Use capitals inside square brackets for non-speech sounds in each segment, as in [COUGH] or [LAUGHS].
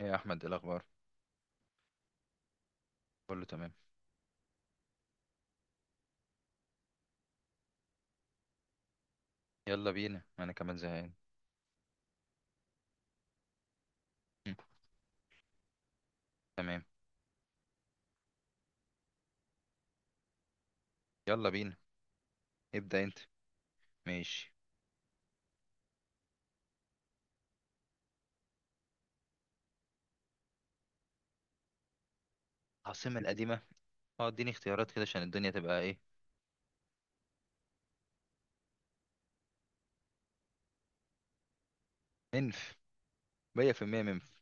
إيه يا احمد، إيه الاخبار؟ كله تمام. يلا بينا، انا كمان زهقان. مم، تمام. يلا بينا. ابدا انت. ماشي. العاصمه القديمه. اه، اديني اختيارات كده عشان الدنيا تبقى ايه. منف. 100% منف.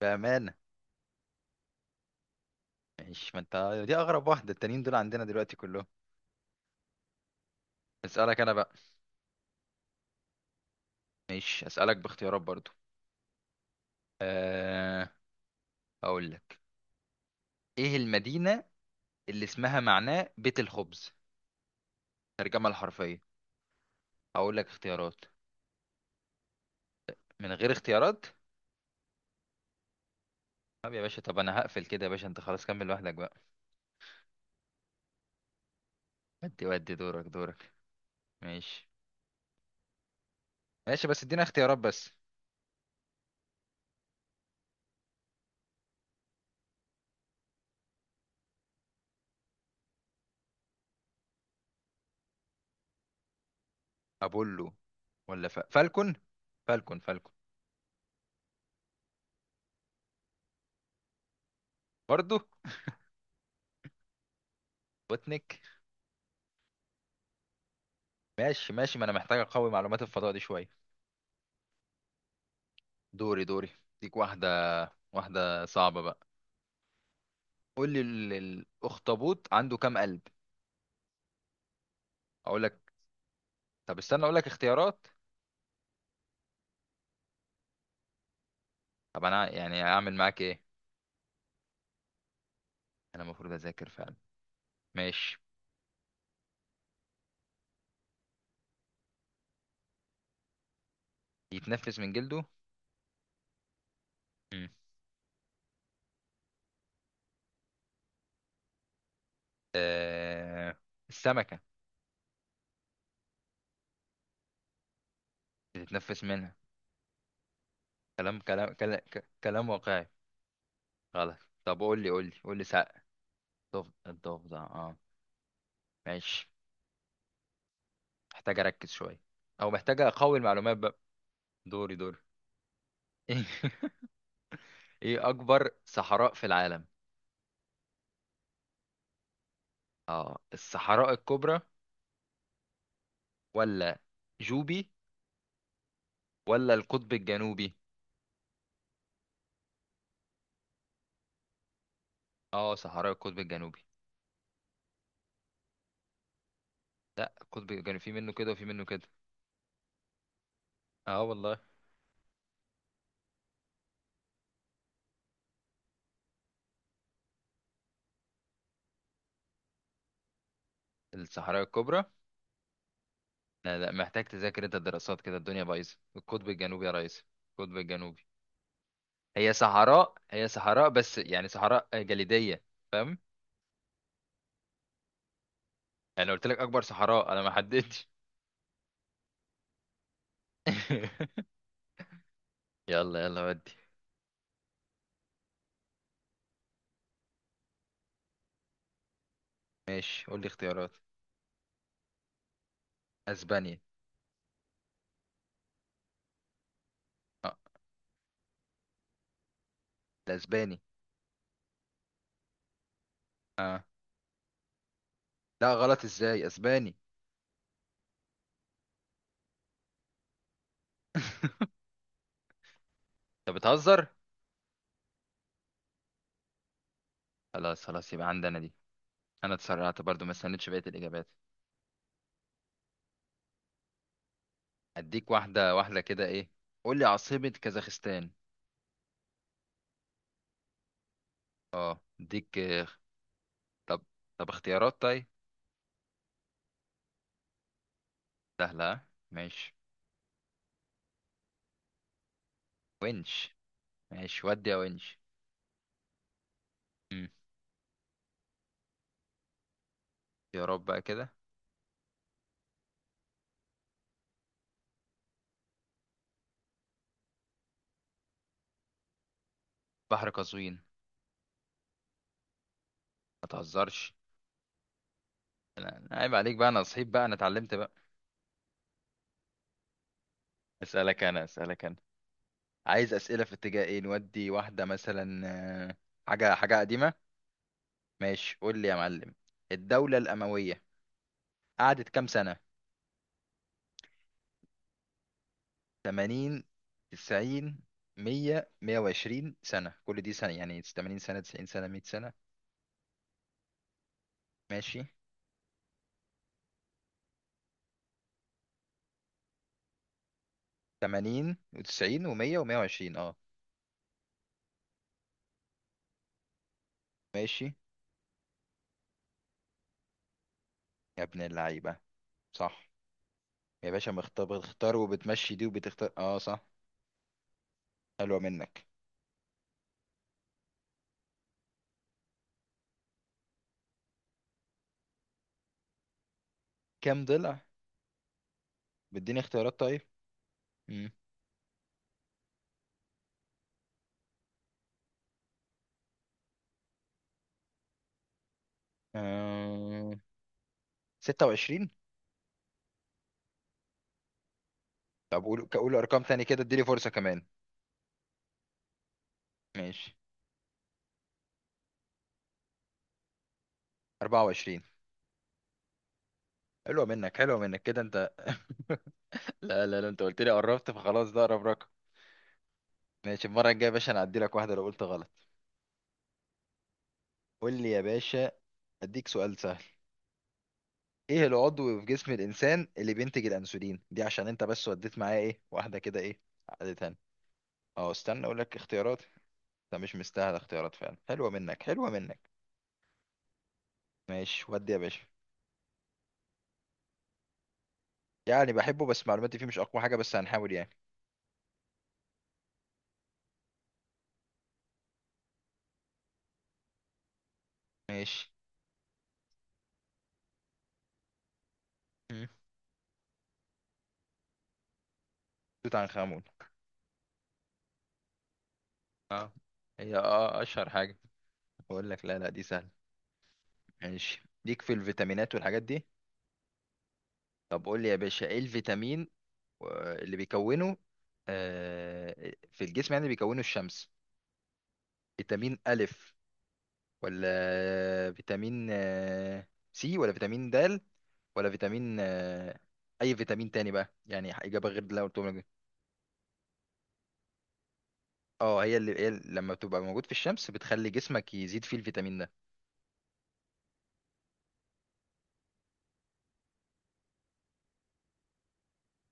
بامانه. ماشي، ما انت دي اغرب واحده، التانيين دول عندنا دلوقتي كلهم. اسالك انا بقى. ماشي، اسالك باختيارات برضو. أه... اقول لك، ايه المدينه اللي اسمها معناه بيت الخبز، ترجمه الحرفيه؟ اقول لك اختيارات. من غير اختيارات. طب يا باشا، طب انا هقفل كده يا باشا، انت خلاص كمل لوحدك بقى. ودي دورك دورك. ماشي ماشي، بس ادينا اختيارات بس. ابولو، ولا فالكون. فالكون فالكون. برضو. بوتنيك. ماشي ماشي، ما انا محتاج اقوي معلومات الفضاء دي شويه. دوري دوري. ديك واحده، واحده صعبه بقى. قول لي الاخطبوط عنده كام قلب؟ اقول لك. طب استنى اقول لك اختيارات. طب انا يعني اعمل معاك ايه؟ انا المفروض اذاكر فعلا. ماشي. يتنفس من جلده. مم. آه... السمكه. بتتنفس منها. كلام كلام كلام، كلام واقعي. غلط. طب قول لي قول لي قول لي ساق. الضفدع الضفدع، اه. ماشي. محتاج اركز شويه، او محتاج اقوي المعلومات بقى. دوري دوري. [LAUGHS] ايه اكبر صحراء في العالم؟ اه، الصحراء الكبرى، ولا جوبي، ولا القطب الجنوبي؟ اه، صحراء القطب الجنوبي. لا، القطب الجنوبي في منه كده وفي منه كده. اه والله. الصحراء الكبرى. لا لا، محتاج تذاكر انت، الدراسات كده الدنيا بايظه، القطب الجنوبي يا ريس. القطب الجنوبي. هي صحراء هي صحراء بس يعني صحراء جليدية. فاهم. انا قلت لك اكبر صحراء، انا ما حددتش. [LAUGHS] يلا يلا، ودي. ماشي، قول لي اختيارات. اسبانيا. اه، ده اسباني. اه، لا، غلط ازاي اسباني؟ [LAUGHS] انت بتهزر. خلاص خلاص، يبقى عندنا دي. انا اتسرعت برضو، ما استنيتش بقية الاجابات. اديك واحدة واحدة كده، ايه. قول لي عاصمة كازاخستان. اه اديك. طب طب اختيارات طيب؟ سهلة ها؟ ماشي. ونش. ماشي ودي يا ونش. يا رب بقى كده. بحر قزوين. ما تهزرش. انا عيب عليك بقى، انا صحيت بقى، انا اتعلمت بقى. اسالك انا اسالك انا. عايز اسئله في اتجاه ايه، نودي واحده مثلا. آه، حاجه حاجه قديمه. ماشي، قول لي يا معلم. الدوله الامويه قعدت كام سنه؟ 80، 90، 100، 120 سنه، كل دي سنه، يعني 80 سنه 90 سنه 100 سنه. ماشي، 80 و90 و100 و120، اه. ماشي، يا ابن اللعيبه، صح. يا باشا مختار، بتختار وبتمشي دي وبتختار، اه صح. حلوة منك. كام ضلع؟ بديني اختيارات طيب. امم آه... 26. طب قول قول ارقام تاني كده، اديني فرصة كمان. ماشي. 24. حلوة منك حلوة منك كده انت. لا لا لا، انت قلت لي قربت، فخلاص ده اقرب رقم. ماشي، المرة الجاية يا باشا انا هعدي لك واحدة لو قلت غلط. قول لي يا باشا. اديك سؤال سهل. ايه العضو في جسم الانسان اللي بينتج الانسولين؟ دي عشان انت بس وديت معايا ايه واحدة كده، ايه. عقدتها. اه، استنى اقول لك اختيارات. ده مش مستاهل اختيارات فعلا، حلوة منك حلوة منك. ماشي ودي يا باشا. يعني بحبه، بس معلوماتي فيه مش اقوى حاجة، بس هنحاول يعني. ماشي. مم. توت عنخ آمون. اه. هي اه اشهر حاجة. بقول لك لا لا دي سهلة. ماشي، ليك في الفيتامينات والحاجات دي. طب قول لي يا باشا ايه الفيتامين اللي بيكونه في الجسم، يعني بيكونه الشمس. فيتامين ألف، ولا فيتامين سي، ولا فيتامين د، ولا فيتامين اي فيتامين تاني بقى، يعني اجابه غير اللي أنا قلتهم لك دي. اه، هي اللي لما بتبقى موجود في الشمس بتخلي جسمك يزيد فيه الفيتامين ده.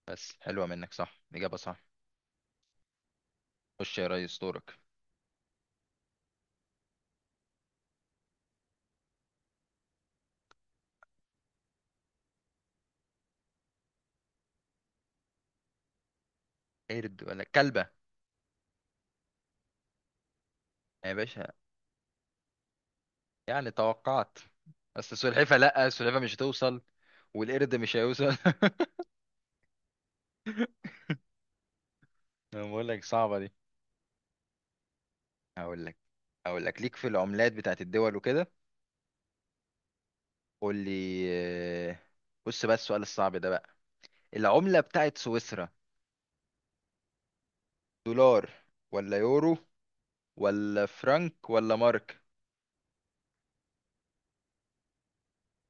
بس حلوه منك، صح الاجابه صح. خش يا ريس، دورك. قرد ولا كلبه. يا باشا، يعني توقعت. بس السلحفه، لا السلحفه مش هتوصل. والقرد مش هيوصل. [LAUGHS] انا بقول لك صعبه دي. هقول لك هقول لك ليك في العملات بتاعت الدول وكده. قول لي. آه، بص بقى السؤال الصعب ده بقى. العملة بتاعت سويسرا. دولار، ولا يورو، ولا فرنك، ولا مارك.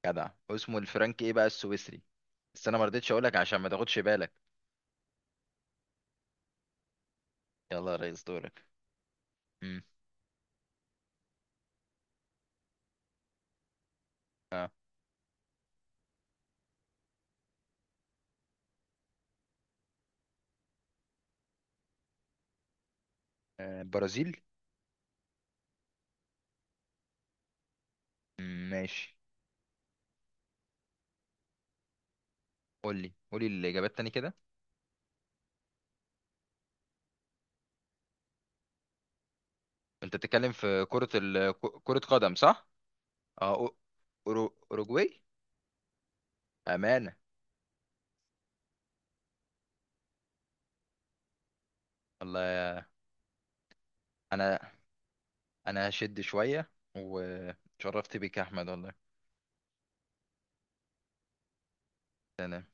جدع، اسمه الفرنك، ايه بقى السويسري. بس انا ما رضيتش اقولك عشان ما تاخدش بالك. يلا يا ريس، دورك. امم اه، برازيل. مم، ماشي. قول لي قول لي الاجابات تاني كده. انت بتتكلم في كرة كرة قدم صح؟ اه اوروجواي. امانة. والله. انا انا هشد شوية. وشرفت بيك يا احمد والله. تمام.